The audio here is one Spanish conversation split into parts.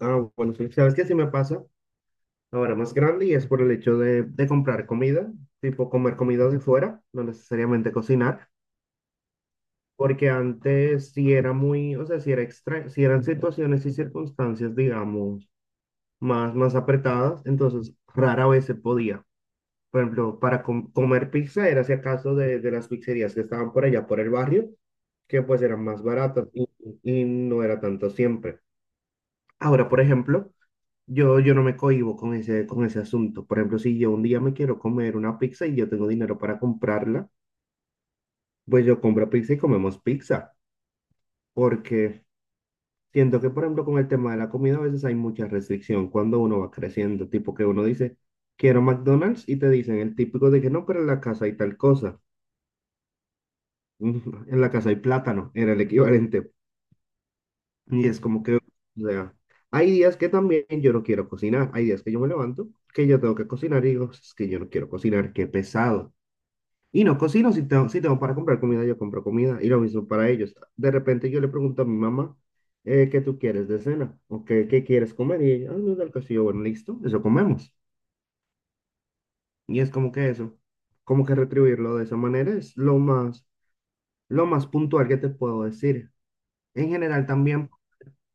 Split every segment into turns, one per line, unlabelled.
Ah, bueno, sí, sabes que sí me pasa ahora más grande y es por el hecho de comprar comida, tipo comer comida de fuera, no necesariamente cocinar, porque antes sí era muy, o sea, sí era extra, sí eran situaciones y circunstancias, digamos, más apretadas, entonces rara vez se podía. Por ejemplo, para comer pizza era si acaso de las pizzerías que estaban por allá, por el barrio, que pues eran más baratas y no era tanto siempre. Ahora, por ejemplo, yo no me cohíbo con ese asunto. Por ejemplo, si yo un día me quiero comer una pizza y yo tengo dinero para comprarla, pues yo compro pizza y comemos pizza. Porque siento que, por ejemplo, con el tema de la comida a veces hay mucha restricción cuando uno va creciendo. Tipo que uno dice, quiero McDonald's y te dicen el típico de que no, pero en la casa hay tal cosa. En la casa hay plátano, era el equivalente. Y es como que, o sea, hay días que también yo no quiero cocinar, hay días que yo me levanto, que yo tengo que cocinar y digo, es que yo no quiero cocinar, qué pesado. Y no cocino, si tengo para comprar comida, yo compro comida, y lo mismo para ellos. De repente yo le pregunto a mi mamá, ¿qué tú quieres de cena? ¿O qué, qué quieres comer? Y ella, ah, no, del castillo, bueno, listo, eso comemos. Y es como que eso, como que retribuirlo de esa manera es lo más puntual que te puedo decir. En general también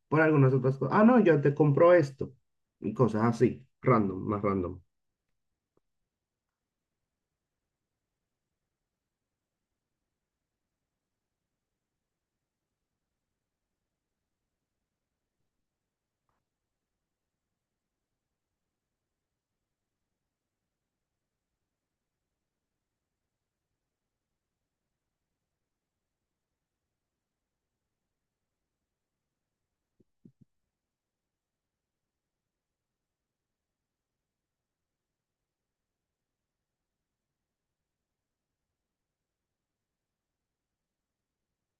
por algunas otras cosas. Ah, no, yo te compro esto. Y cosas así, random, más random.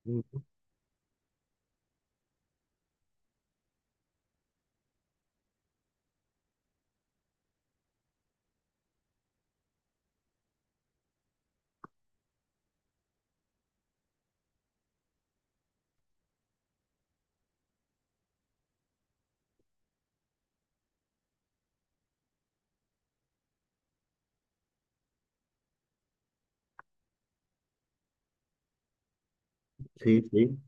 Mm. Sí, sí.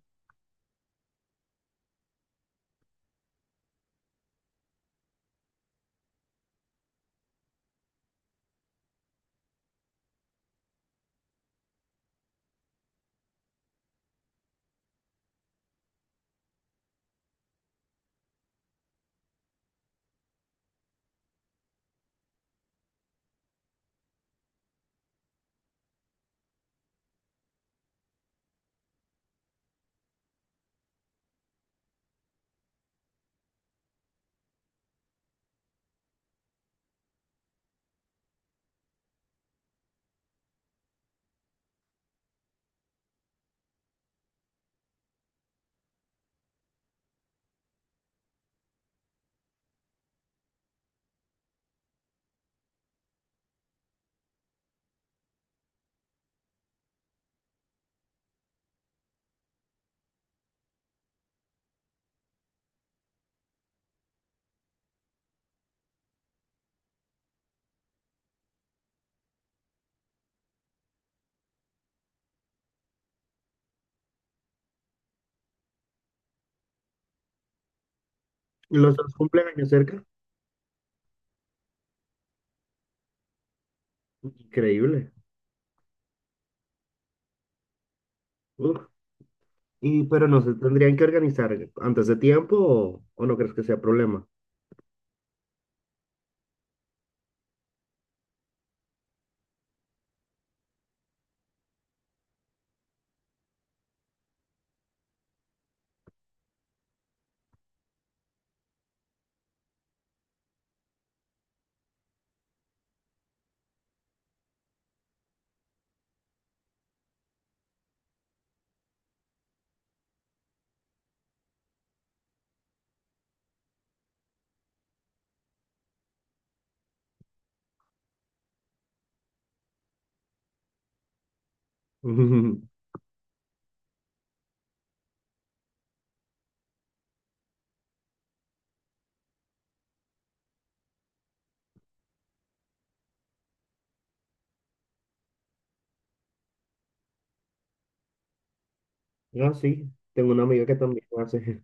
Y los dos cumpleaños cerca. Increíble. Uf. Y, pero no se tendrían que organizar antes de tiempo o no crees que sea problema. No, sí. Tengo una amiga que también lo hace.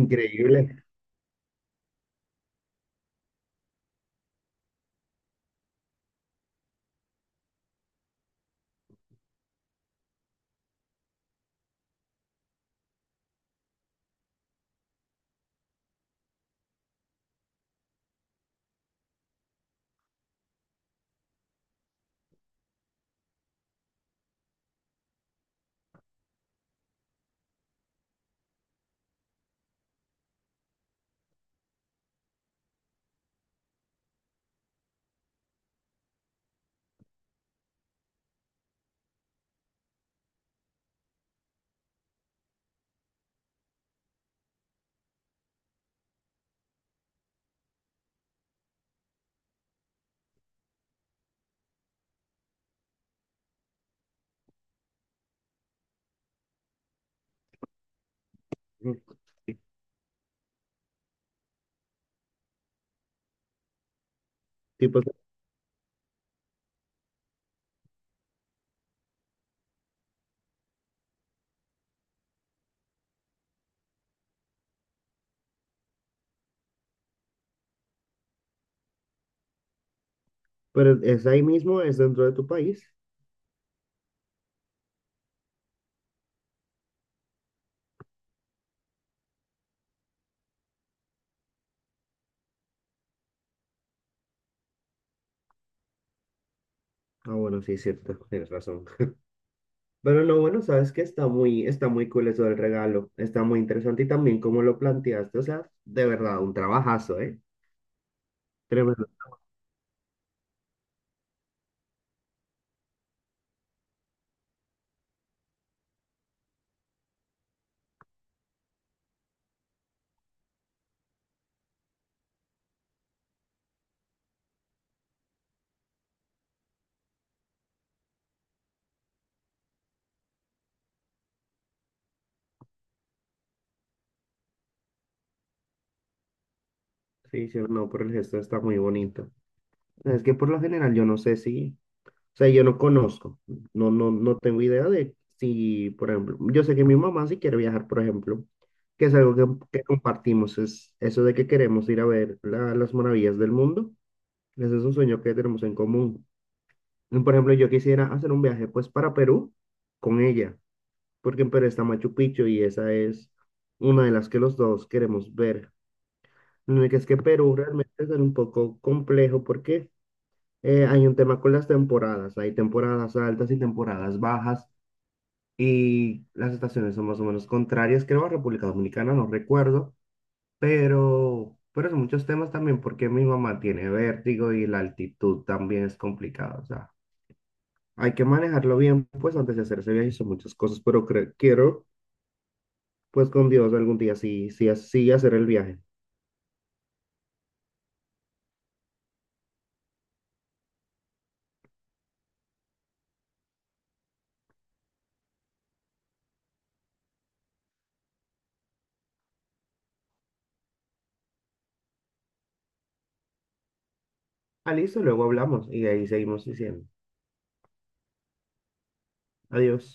Increíble. Mm, sí, pues, pero es ahí mismo, es dentro de tu país. Ah, bueno, sí, es cierto. Tienes razón. Pero no, bueno, sabes que está muy cool eso del regalo. Está muy interesante y también cómo lo planteaste. O sea, de verdad, un trabajazo, ¿eh? Tremendo. Sí, sí, no, por el gesto está muy bonito. Es que por lo general yo no sé si, o sea, yo no conozco, no, no, no tengo idea de si, por ejemplo, yo sé que mi mamá sí quiere viajar, por ejemplo, que es algo que compartimos, es eso de que queremos ir a ver las maravillas del mundo. Ese es un sueño que tenemos en común. Por ejemplo, yo quisiera hacer un viaje pues para Perú con ella, porque en Perú está Machu Picchu y esa es una de las que los dos queremos ver. Lo único es que Perú realmente es un poco complejo porque hay un tema con las temporadas, hay temporadas altas y temporadas bajas y las estaciones son más o menos contrarias, creo a República Dominicana, no recuerdo, pero son muchos temas también porque mi mamá tiene vértigo y la altitud también es complicada, o sea. Hay que manejarlo bien, pues antes de hacer ese viaje son muchas cosas, pero quiero, pues con Dios algún día sí, sí, sí hacer el viaje. Ah, listo, luego hablamos y ahí seguimos diciendo. Adiós.